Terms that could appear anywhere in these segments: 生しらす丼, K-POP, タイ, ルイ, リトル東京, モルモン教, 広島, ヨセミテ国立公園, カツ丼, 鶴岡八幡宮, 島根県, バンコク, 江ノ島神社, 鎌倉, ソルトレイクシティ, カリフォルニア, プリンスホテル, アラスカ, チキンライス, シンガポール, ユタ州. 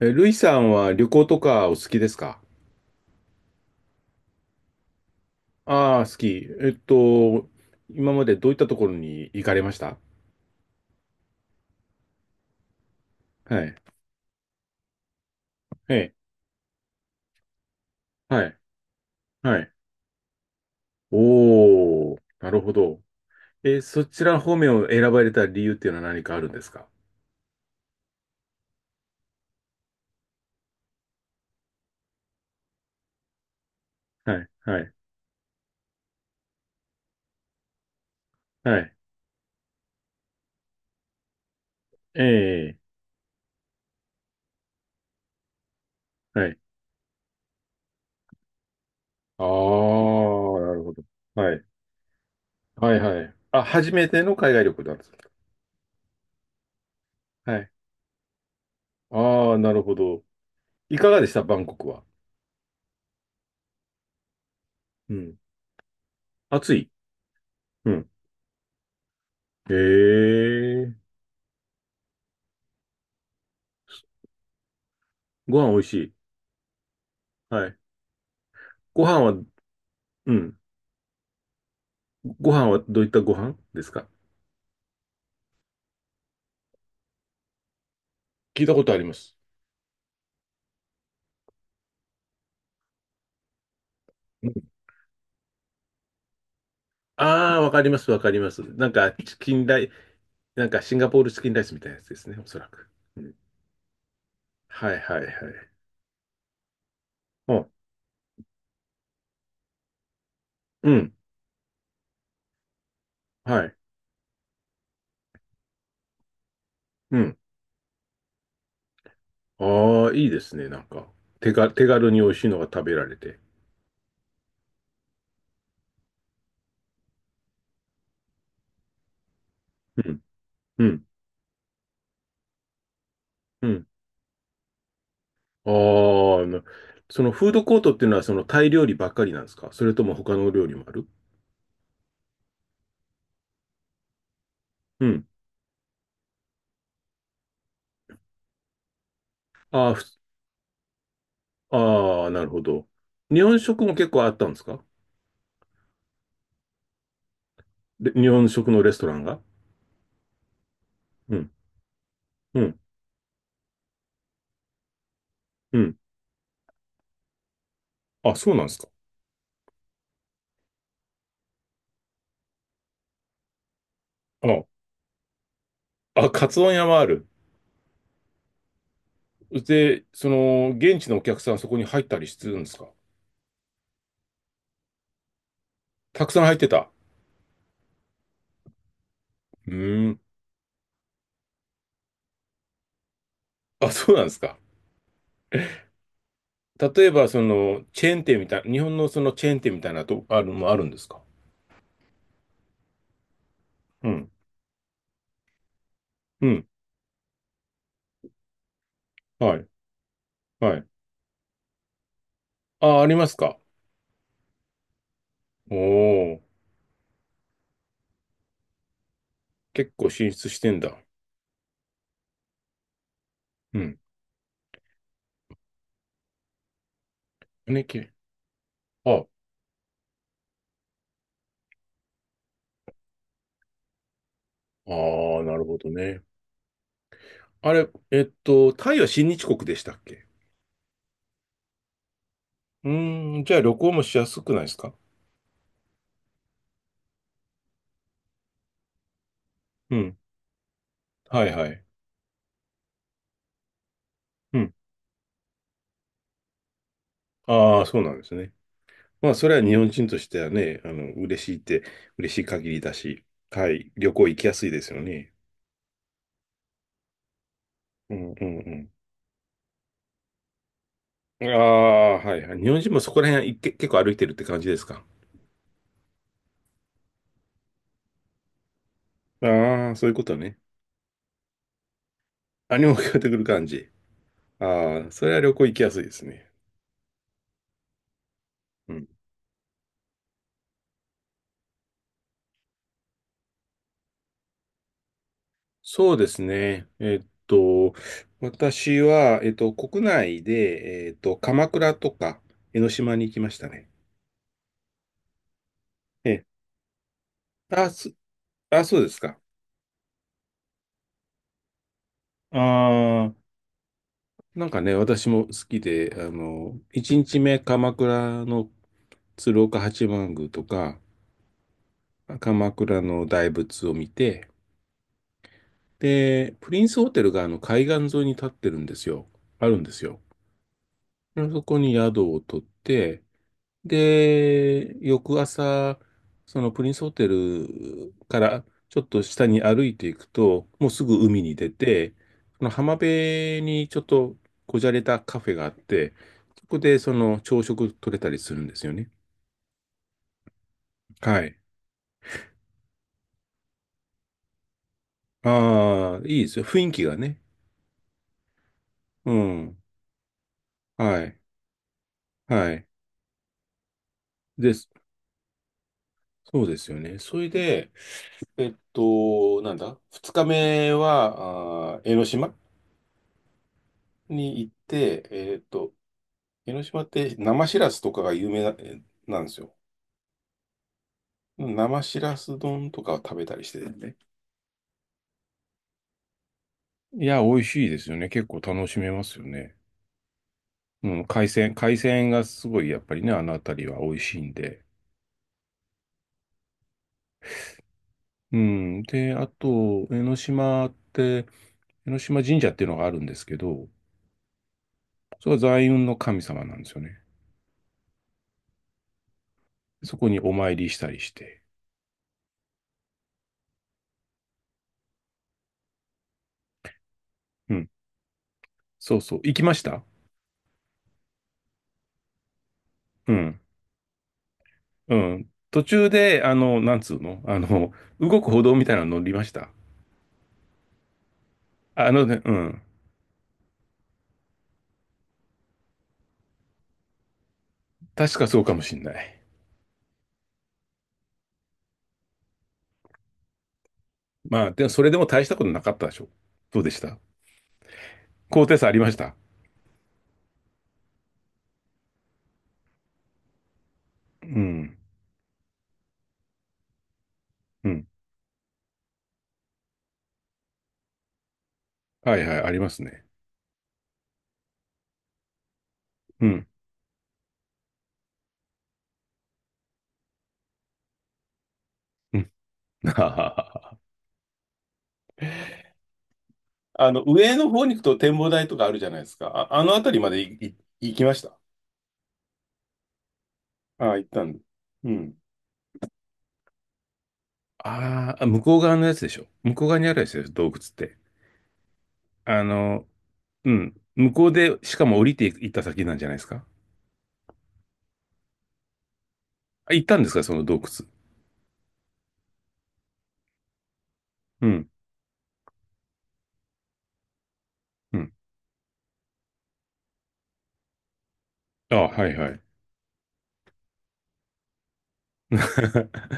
ルイさんは旅行とかお好きですか？ああー、好き。えっと、今までどういったところに行かれました？はい。はい。はい。はい。おー、なるほど。そちら方面を選ばれた理由っていうのは何かあるんですか？はい。はい。はい。ええ、はい。ああ、なるほど。はい。はい。はい。あ、初めての海外旅行なんですか？はい。ああ、なるほど。いかがでしたバンコクは。うん。暑い。うん。ええ、ご飯美味しい。はい。ご飯は、うん。ご飯はどういったご飯ですか？聞いたことあります。うん。ああー、わかります、わかります。なんか、チキンライ、なんかシンガポールチキンライスみたいなやつですね、おそらく。うん、はいはいはい。あ、うん、はい。うん。ああ、いいですね、なんか。手が、手軽に美味しいのが食べられて。うん、うん、うん。あーあ、の、そのフードコートっていうのはそのタイ料理ばっかりなんですか？それとも他の料理もある？うん。ああ、ふ、ああ、なるほど。日本食も結構あったんですか？で、日本食のレストランが、うん、うん、うん。あ、そうなんですか。あ、あ、カツ丼屋もある。で、その、現地のお客さんそこに入ったりするんですか？たくさん入ってた。うーん。あ、そうなんですか。例えば、その、チェーン店みたい、日本のそのチェーン店みたいなと、ある、もあるんですか？うん、うん、はい、はい。あ、ありますか。おー、結構進出してんだ。うん。ね、け、あ、ああ、なるほどね。あれ、タイは親日国でしたっけ？うーん、じゃあ旅行もしやすくないですか？うん。はいはい。うん。ああ、そうなんですね。まあ、それは日本人としてはね、嬉しいって、嬉しい限りだし、はい、旅行行きやすいですよね。うんうんうん。ああ、はいはい。日本人もそこら辺いけ結構歩いてるって感じですか？ああー、そういうことね。何も聞こえてくる感じ。ああ、それは旅行行きやすいですね。うん。そうですね。私は、国内で、鎌倉とか江ノ島に行きましたね。ええ、あ、す、あ、そうですか。ああ、なんかね、私も好きで、1日目、鎌倉の鶴岡八幡宮とか、鎌倉の大仏を見て、で、プリンスホテルがあの海岸沿いに立ってるんですよ。あるんですよ。でそこに宿を取って、で、翌朝、そのプリンスホテルからちょっと下に歩いていくと、もうすぐ海に出て、その浜辺にちょっとこじゃれたカフェがあって、そこでその朝食取れたりするんですよね。はい。ああ、いいですよ。雰囲気がね。うん。はい。はい。です。そうですよね。それで、なんだ、二日目は、あー江ノ島に行って、広島って生しらすとかが有名な、え、なんですよ。生しらす丼とかを食べたりしててね。いや、美味しいですよね。結構楽しめますよね。うん、海鮮がすごいやっぱりね、あの辺りは美味しいんで。うん。で、あと、江ノ島って、江ノ島神社っていうのがあるんですけど、それは財運の神様なんですよね。そこにお参りしたりして。うん。そうそう。行きました？うん。うん。途中で、なんつうの動く歩道みたいなの乗りました？あのね、うん。確かそうかもしんない。まあ、でもそれでも大したことなかったでしょ。どうでした？高低差ありました？うん。うん。はいはい、ありますね。うん。うん。 あの、上の方に行くと展望台とかあるじゃないですか。あ、あの辺りまでいい、行きました。ああ、行ったんで。うん。ああ、向こう側のやつでしょ。向こう側にあるやつでしょ、洞窟って。あの、うん。向こうで、しかも降りてい行った先なんじゃないですか。あ、行ったんですか、その洞窟。うん。うん。あ、はいはい。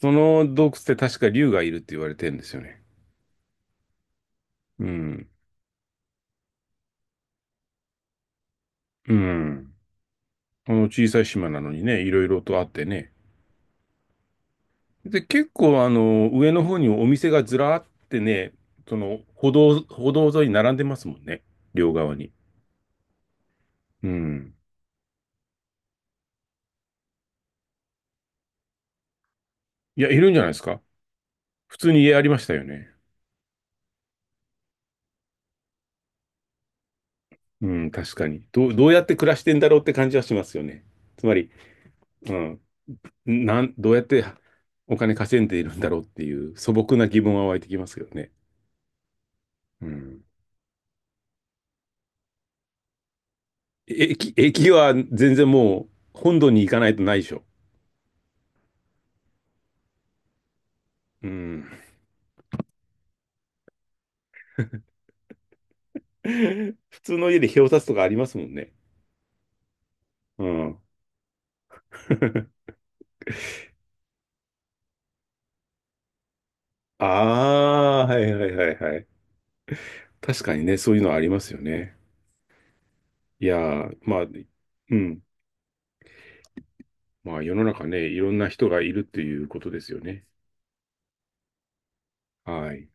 その洞窟って確か竜がいるって言われてるんですよね。うん。うん。この小さい島なのにね、いろいろとあってね。で、結構あの、上の方にお店がずらーってね、歩道沿いに並んでますもんね。両側に。うん。いや、いるんじゃないですか。普通に家ありましたよね。うん、確かに。どうやって暮らしてんだろうって感じはしますよね。つまり、うん、なん、どうやってお金稼いでいるんだろうっていう素朴な疑問は湧いてきますけどね。うん。駅は全然もう本土に行かないとないでしょ。うん。普通の家で表札とかありますもんね。うん。ああ、はいはいはいはい。確かにね、そういうのはありますよね。いやー、まあ、うん。まあ世の中ね、いろんな人がいるっていうことですよね。はい。